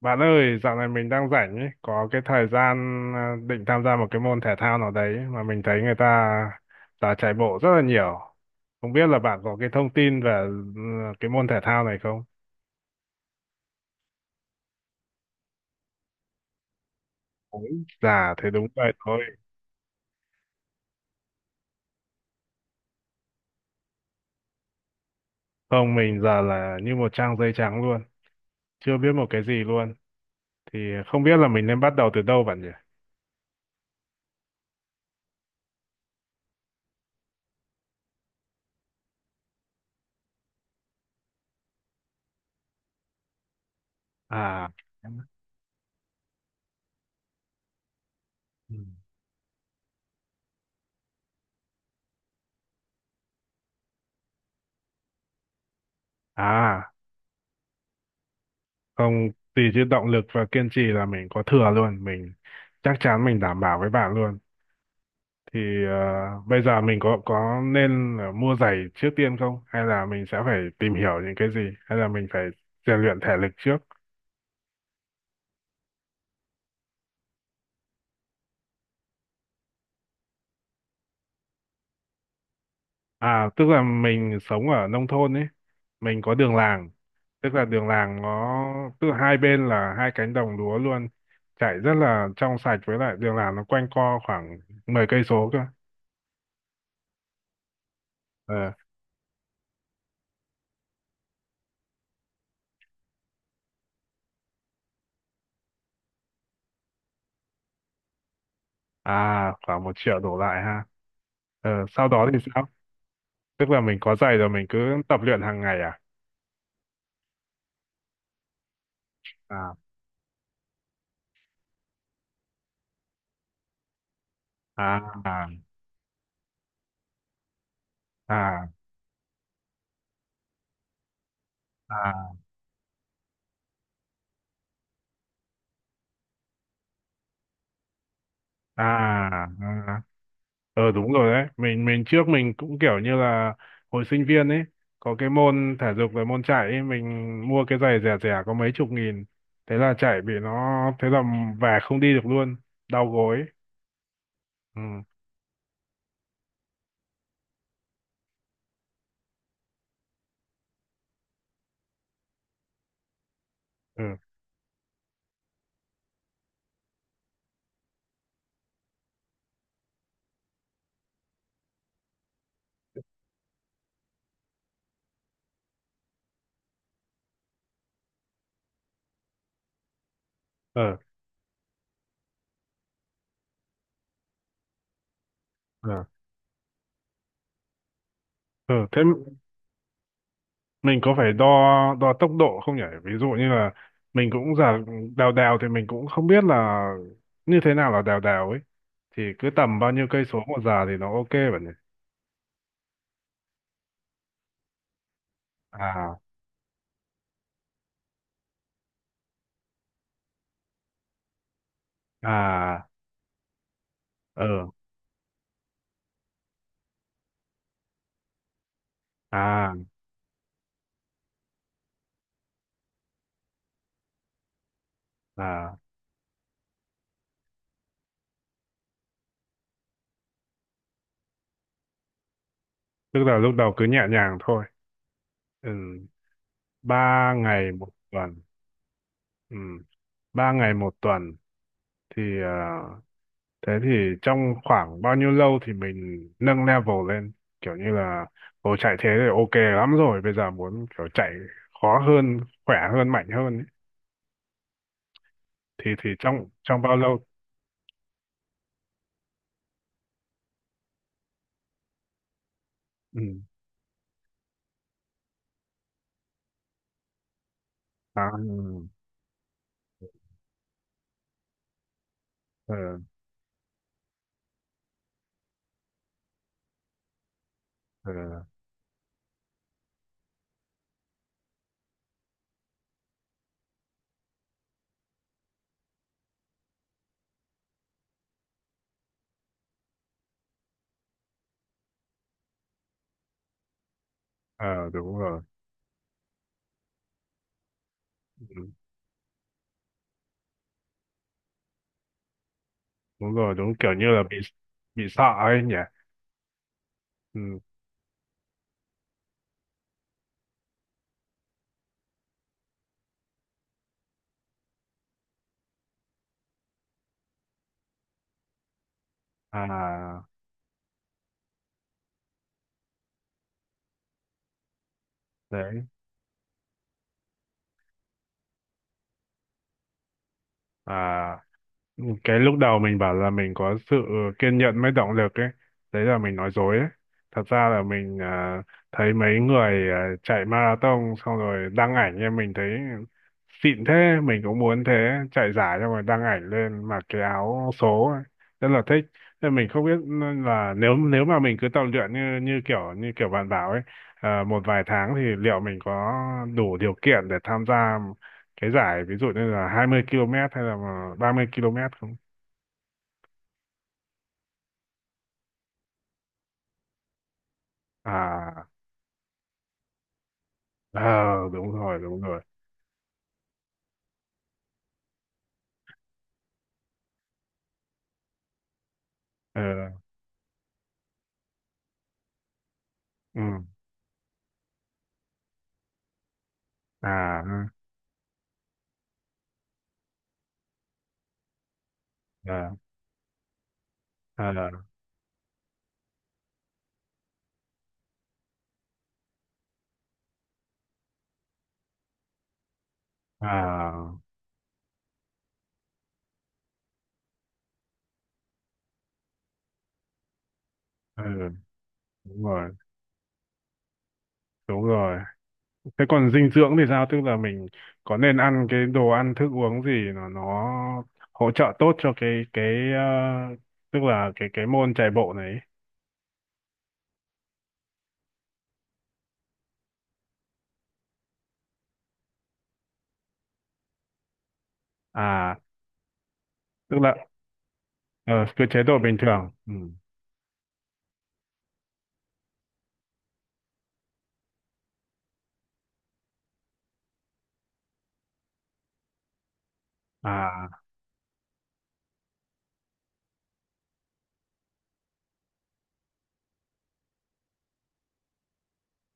Bạn ơi, dạo này mình đang rảnh ấy, có cái thời gian định tham gia một cái môn thể thao nào đấy mà mình thấy người ta đã chạy bộ rất là nhiều. Không biết là bạn có cái thông tin về ừ, cái môn thể thao này không? Ôi, dạ, thế đúng vậy thôi. Không, mình giờ là như một trang giấy trắng luôn, chưa biết một cái gì luôn. Thì không biết là mình nên bắt đầu từ đâu bạn nhỉ? À, ừ. à, không, tùy chứ động lực và kiên trì là mình có thừa luôn. Mình chắc chắn mình đảm bảo với bạn luôn. Thì bây giờ mình có nên là mua giày trước tiên không, hay là mình sẽ phải tìm hiểu những cái gì, hay là mình phải rèn luyện thể lực trước? À, tức là mình sống ở nông thôn ấy, mình có đường làng, tức là đường làng nó tức là hai bên là hai cánh đồng lúa luôn, chảy rất là trong sạch, với lại đường làng nó quanh co khoảng 10 cây số cơ. Ờ, à, khoảng 1 triệu đổ lại ha? Ờ, sau đó thì sao? Tức là mình có giày rồi mình cứ tập luyện hàng ngày À, à, à, à, à. À, à, à. Ờ, đúng rồi đấy, mình trước mình cũng kiểu như là hồi sinh viên ấy, có cái môn thể dục rồi môn chạy ấy, mình mua cái giày rẻ rẻ có mấy chục nghìn, thế là chạy bị nó, thế là về không đi được luôn, đau gối. Ừ. Ừ. Ờ. Ờ. Ờ, thế mình có phải đo đo tốc độ không nhỉ, ví dụ như là mình cũng giờ đèo đèo thì mình cũng không biết là như thế nào là đèo đèo ấy, thì cứ tầm bao nhiêu cây số một giờ thì nó ok bạn nhỉ? À. À. Ờ. À. À, tức là lúc đầu cứ nhẹ nhàng thôi. Ừ, ba ngày một tuần. Ừ, ba ngày một tuần thì thế thì trong khoảng bao nhiêu lâu thì mình nâng level lên, kiểu như là ồ chạy thế thì ok lắm rồi, bây giờ muốn kiểu chạy khó hơn, khỏe hơn, mạnh hơn ấy, thì trong trong bao lâu? Ừ. À. Ừ. Ờ. Ờ. Ờ, đúng rồi. Ừ. Đúng rồi, đúng, kiểu như là bị sợ ấy nhỉ. Ừ. À, đấy, à, cái lúc đầu mình bảo là mình có sự kiên nhẫn mới động lực ấy, đấy là mình nói dối ấy. Thật ra là mình thấy mấy người chạy marathon xong rồi đăng ảnh em, mình thấy xịn thế, mình cũng muốn thế. Chạy giải xong rồi đăng ảnh lên mặc cái áo số ấy, rất là thích. Nên mình không biết là nếu nếu mà mình cứ tập luyện như như kiểu bạn bảo ấy, à, một vài tháng thì liệu mình có đủ điều kiện để tham gia cái giải ví dụ như là 20 km hay là mà 30 km không? À. Ờ, đúng rồi, đúng rồi. Ờ. Ừ. À. Ờ. Ờ. À. Ừ, đúng rồi, đúng rồi. Thế còn dinh dưỡng thì sao, tức là mình có nên ăn cái đồ ăn thức uống gì nó hỗ trợ tốt cho cái ờ, tức là cái môn chạy bộ này ấy? À, tức là ờ, cái chế độ bình thường. Ừ. À.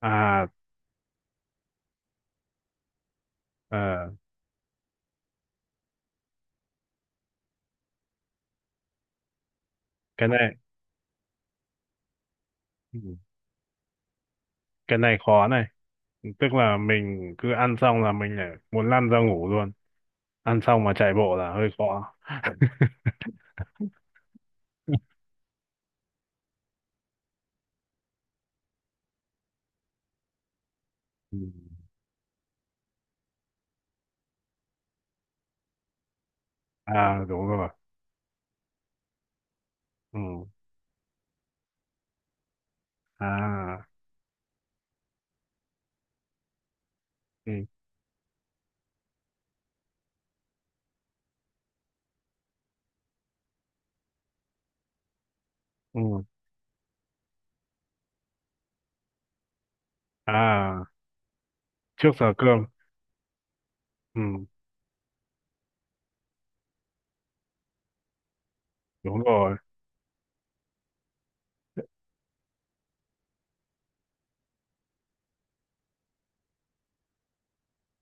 À. Ờ, cái này. Ừ. Cái này khó này, tức là mình cứ ăn xong là mình lại muốn lăn ra ngủ luôn, ăn xong mà chạy bộ là hơi khó. Ừ. À, đúng rồi. Ừ. À. Ừ. Ừ. À, trước giờ cơm. Ừ, đúng rồi.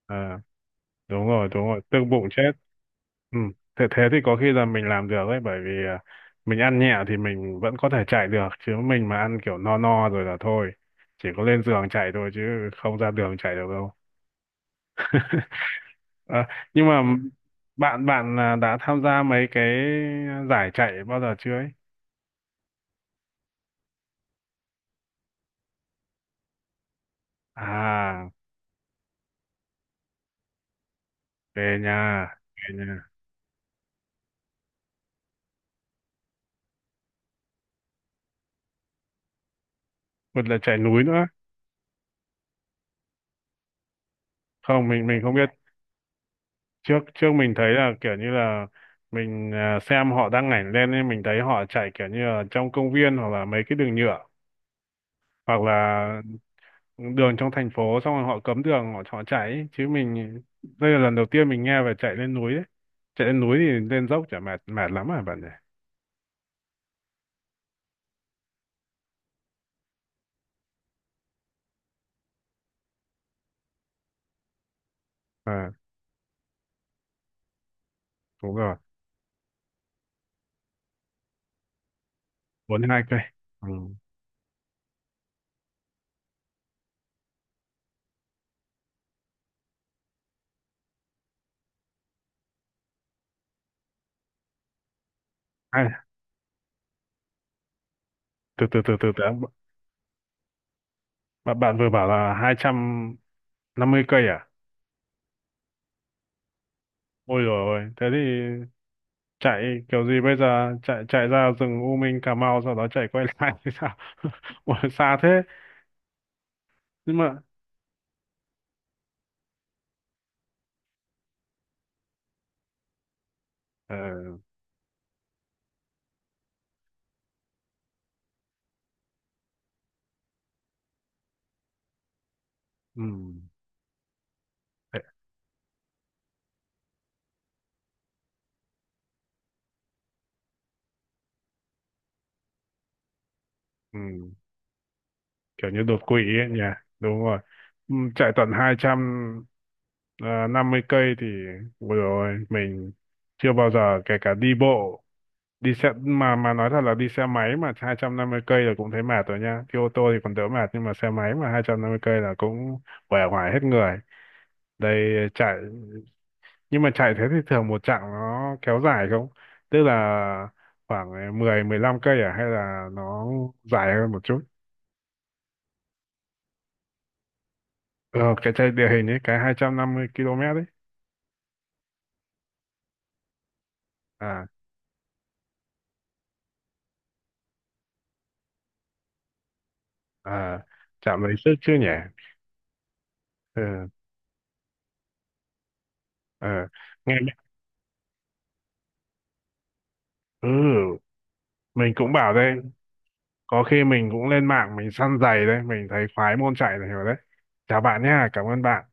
À, đúng rồi, đúng rồi, tức bụng chết. Ừ. Thế thế thì có khi là mình làm được đấy, bởi vì mình ăn nhẹ thì mình vẫn có thể chạy được, chứ mình mà ăn kiểu no no rồi là thôi, chỉ có lên giường chạy thôi chứ không ra đường chạy được. Ờ, nhưng mà bạn bạn đã tham gia mấy cái giải chạy bao giờ chưa ấy? À, về nhà, về nhà. Một là chạy núi nữa. Không, mình không biết. Trước trước mình thấy là kiểu như là mình xem họ đăng ảnh lên nên mình thấy họ chạy kiểu như là trong công viên, hoặc là mấy cái đường nhựa, hoặc là đường trong thành phố xong rồi họ cấm đường họ họ chạy ấy. Chứ mình đây là lần đầu tiên mình nghe về chạy lên núi ấy. Chạy lên núi thì lên dốc chả mệt mệt lắm à bạn nhỉ? À, đúng rồi. 42 cây. Ừ. Hai, từ từ từ từ từ, bạn bạn vừa bảo là 250 cây à? Ôi rồi ôi, thế thì chạy kiểu gì bây giờ, chạy chạy ra rừng U Minh Cà Mau sau đó chạy quay lại thì sao? Ôi, xa thế. Nhưng mà ờ, ừ. Thế. Ừ. Kiểu như đột quỵ ấy nhỉ. Đúng rồi. Ừ, chạy tận 200 ờ, 50 cây thì vừa rồi mình chưa bao giờ, kể cả đi bộ, đi xe, mà nói thật là đi xe máy mà 250 cây là cũng thấy mệt rồi nha, đi ô tô thì còn đỡ mệt nhưng mà xe máy mà 250 cây là cũng uể oải hết người. Đây chạy, nhưng mà chạy thế thì thường một chặng nó kéo dài không, tức là khoảng mười mười 15 cây à, hay là nó dài hơn một chút? Ờ, cái chạy địa hình ấy, cái 250 km ấy. À. À, chạm lấy sức chứ nhỉ? Ừ, ừ. Nghe. Ừ, mình cũng bảo đây, có khi mình cũng lên mạng mình săn giày đấy, mình thấy khoái môn chạy này rồi đấy. Chào bạn nhá, cảm ơn bạn.